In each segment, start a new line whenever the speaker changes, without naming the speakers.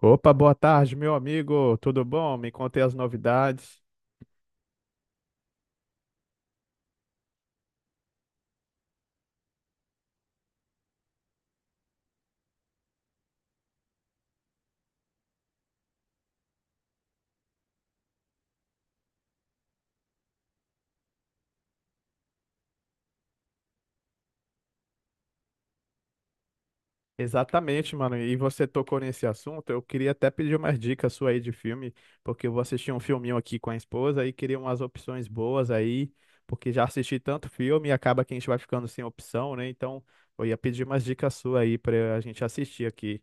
Opa, boa tarde, meu amigo. Tudo bom? Me contei as novidades. Exatamente, mano. E você tocou nesse assunto. Eu queria até pedir umas dicas sua aí de filme, porque eu vou assistir um filminho aqui com a esposa e queria umas opções boas aí, porque já assisti tanto filme e acaba que a gente vai ficando sem opção, né? Então, eu ia pedir umas dicas sua aí pra a gente assistir aqui.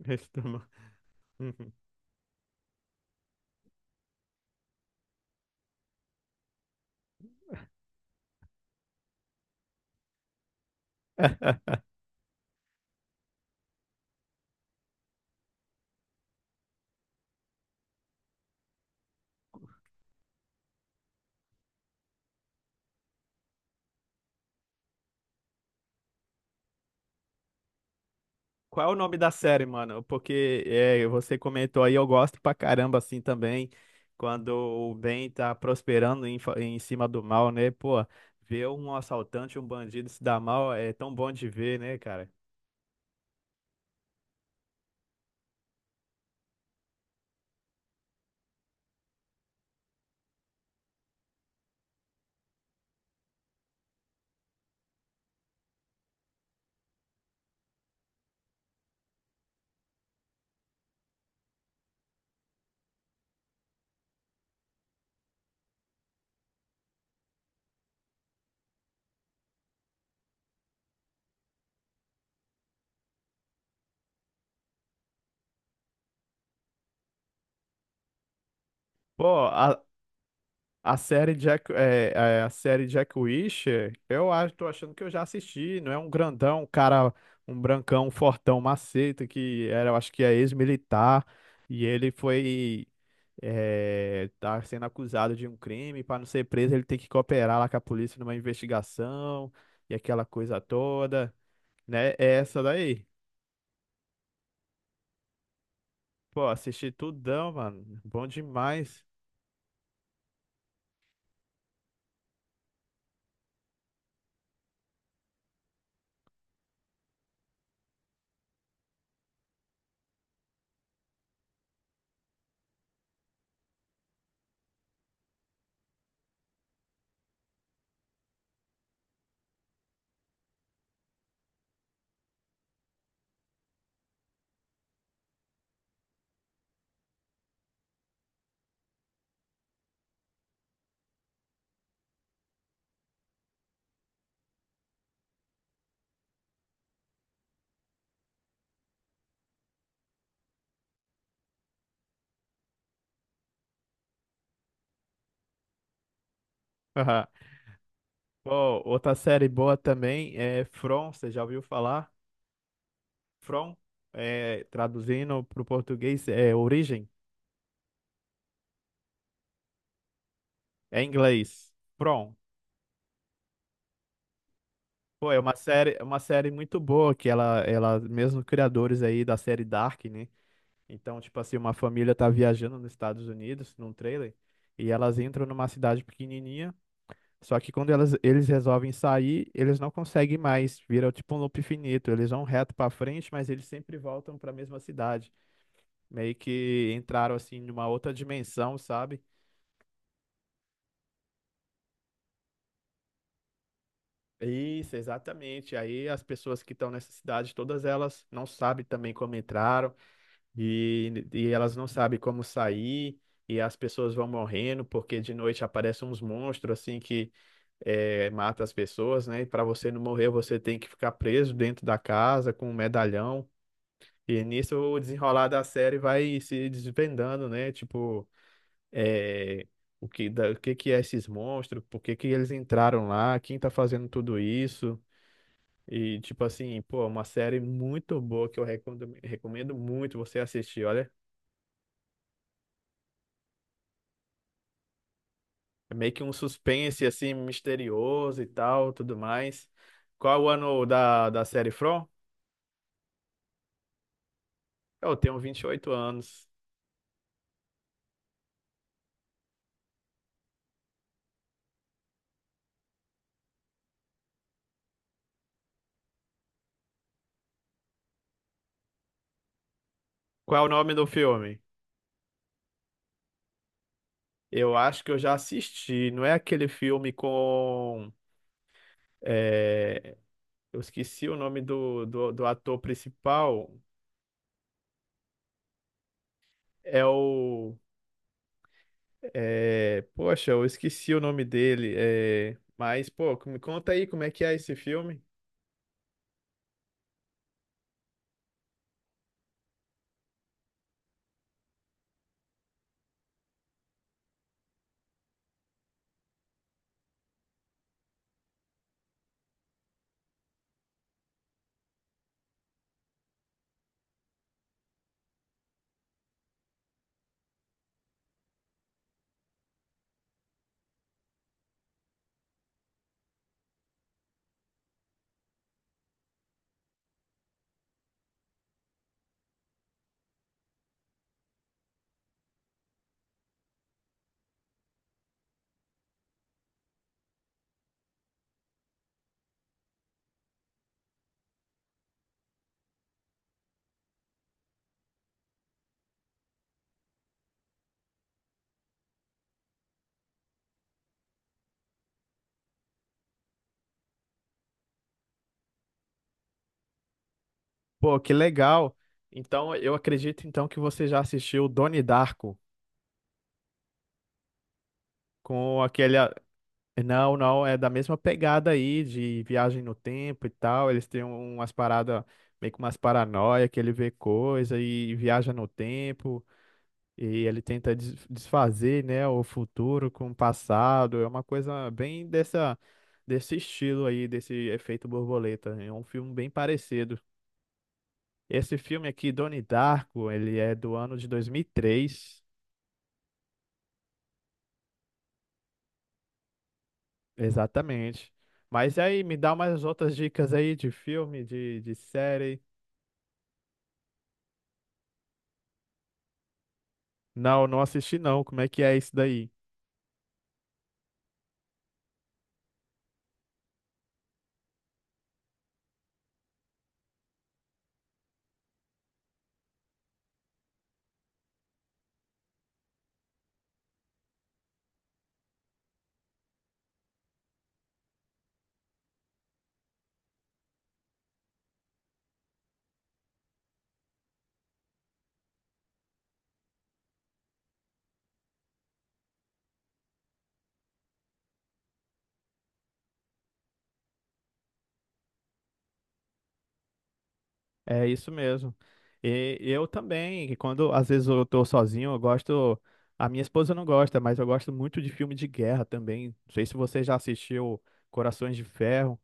Isso, mano. Qual é o nome da série, mano? Porque você comentou aí, eu gosto pra caramba assim também, quando o bem tá prosperando em, em cima do mal, né? Pô, ver um assaltante, um bandido se dar mal é tão bom de ver, né, cara? Pô, a série Jack, a série Jack Wisher, eu acho, tô achando que eu já assisti, não é um grandão, um cara, um brancão, um fortão, um maceta, que era, eu acho que é ex-militar, e ele foi, tá sendo acusado de um crime, para não ser preso, ele tem que cooperar lá com a polícia numa investigação, e aquela coisa toda, né? É essa daí. Pô, assisti tudão, mano, bom demais. Pô, outra série boa também é From, você já ouviu falar? From, traduzindo para o português, é origem, é em inglês. From. Pô, é uma série muito boa que ela, mesmo criadores aí da série Dark, né? Então, tipo assim, uma família tá viajando nos Estados Unidos num trailer e elas entram numa cidade pequenininha. Só que quando elas, eles resolvem sair, eles não conseguem mais, vira tipo um loop infinito. Eles vão reto pra frente, mas eles sempre voltam pra mesma cidade. Meio que entraram assim numa outra dimensão, sabe? Isso, exatamente. Aí as pessoas que estão nessa cidade, todas elas não sabem também como entraram e elas não sabem como sair. E as pessoas vão morrendo porque de noite aparecem uns monstros assim que mata as pessoas, né? E para você não morrer, você tem que ficar preso dentro da casa com um medalhão. E nisso o desenrolar da série vai se desvendando, né? Tipo, eh, o que que é esses monstros? Por que que eles entraram lá? Quem tá fazendo tudo isso? E, tipo assim, pô, é uma série muito boa que eu recomendo, recomendo muito você assistir, olha. É meio que um suspense, assim, misterioso e tal, tudo mais. Qual é o ano da série From? Eu tenho 28 anos. Qual é o nome do filme? Eu acho que eu já assisti. Não é aquele filme com... é, eu esqueci o nome do ator principal. É o... É, poxa, eu esqueci o nome dele. É, mas, pô, me conta aí como é que é esse filme. Pô, que legal. Então, eu acredito então que você já assistiu Donnie Darko com aquele. Não, não, é da mesma pegada aí de viagem no tempo e tal. Eles têm umas paradas, meio que umas paranoia que ele vê coisa e viaja no tempo. E ele tenta desfazer, né, o futuro com o passado. É uma coisa bem dessa, desse estilo aí, desse efeito borboleta. É um filme bem parecido. Esse filme aqui, Donnie Darko, ele é do ano de 2003, exatamente. Mas aí, me dá umas outras dicas aí de filme, de série. Não, não assisti não. Como é que é isso daí? É isso mesmo. E eu também, que quando às vezes eu tô sozinho, eu gosto. A minha esposa não gosta, mas eu gosto muito de filme de guerra também. Não sei se você já assistiu Corações de Ferro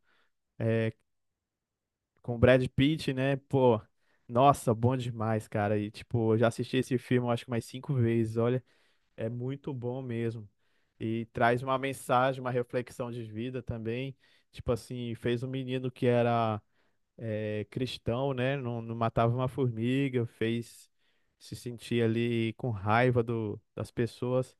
com o Brad Pitt, né? Pô, nossa, bom demais, cara. E tipo, eu já assisti esse filme eu acho que mais cinco vezes. Olha, é muito bom mesmo. E traz uma mensagem, uma reflexão de vida também. Tipo assim, fez um menino que era cristão, né? Não, não matava uma formiga, fez se sentir ali com raiva das pessoas,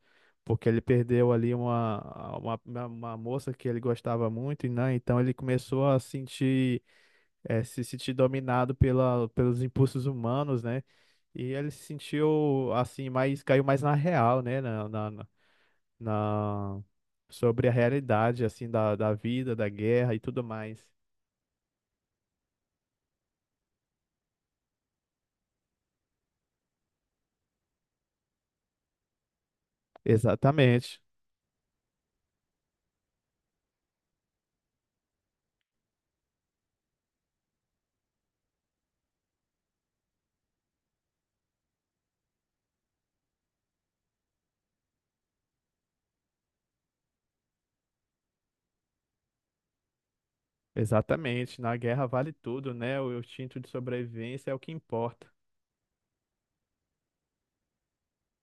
porque ele perdeu ali uma, uma moça que ele gostava muito, e né? Então ele começou a sentir, se sentir dominado pelos impulsos humanos, né? E ele se sentiu assim, mais, caiu mais na real, né? Na- sobre a realidade, assim, da vida, da guerra e tudo mais. Exatamente. Exatamente, na guerra vale tudo, né? O instinto de sobrevivência é o que importa.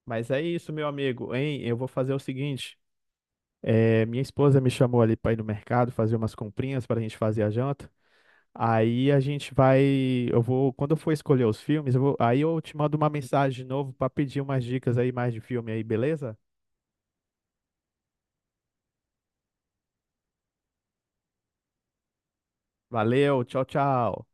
Mas é isso, meu amigo, hein? Eu vou fazer o seguinte: minha esposa me chamou ali para ir no mercado fazer umas comprinhas para a gente fazer a janta. Aí a gente vai, eu vou, quando eu for escolher os filmes, eu vou, aí eu te mando uma mensagem de novo para pedir umas dicas aí mais de filme aí, beleza? Valeu, tchau, tchau.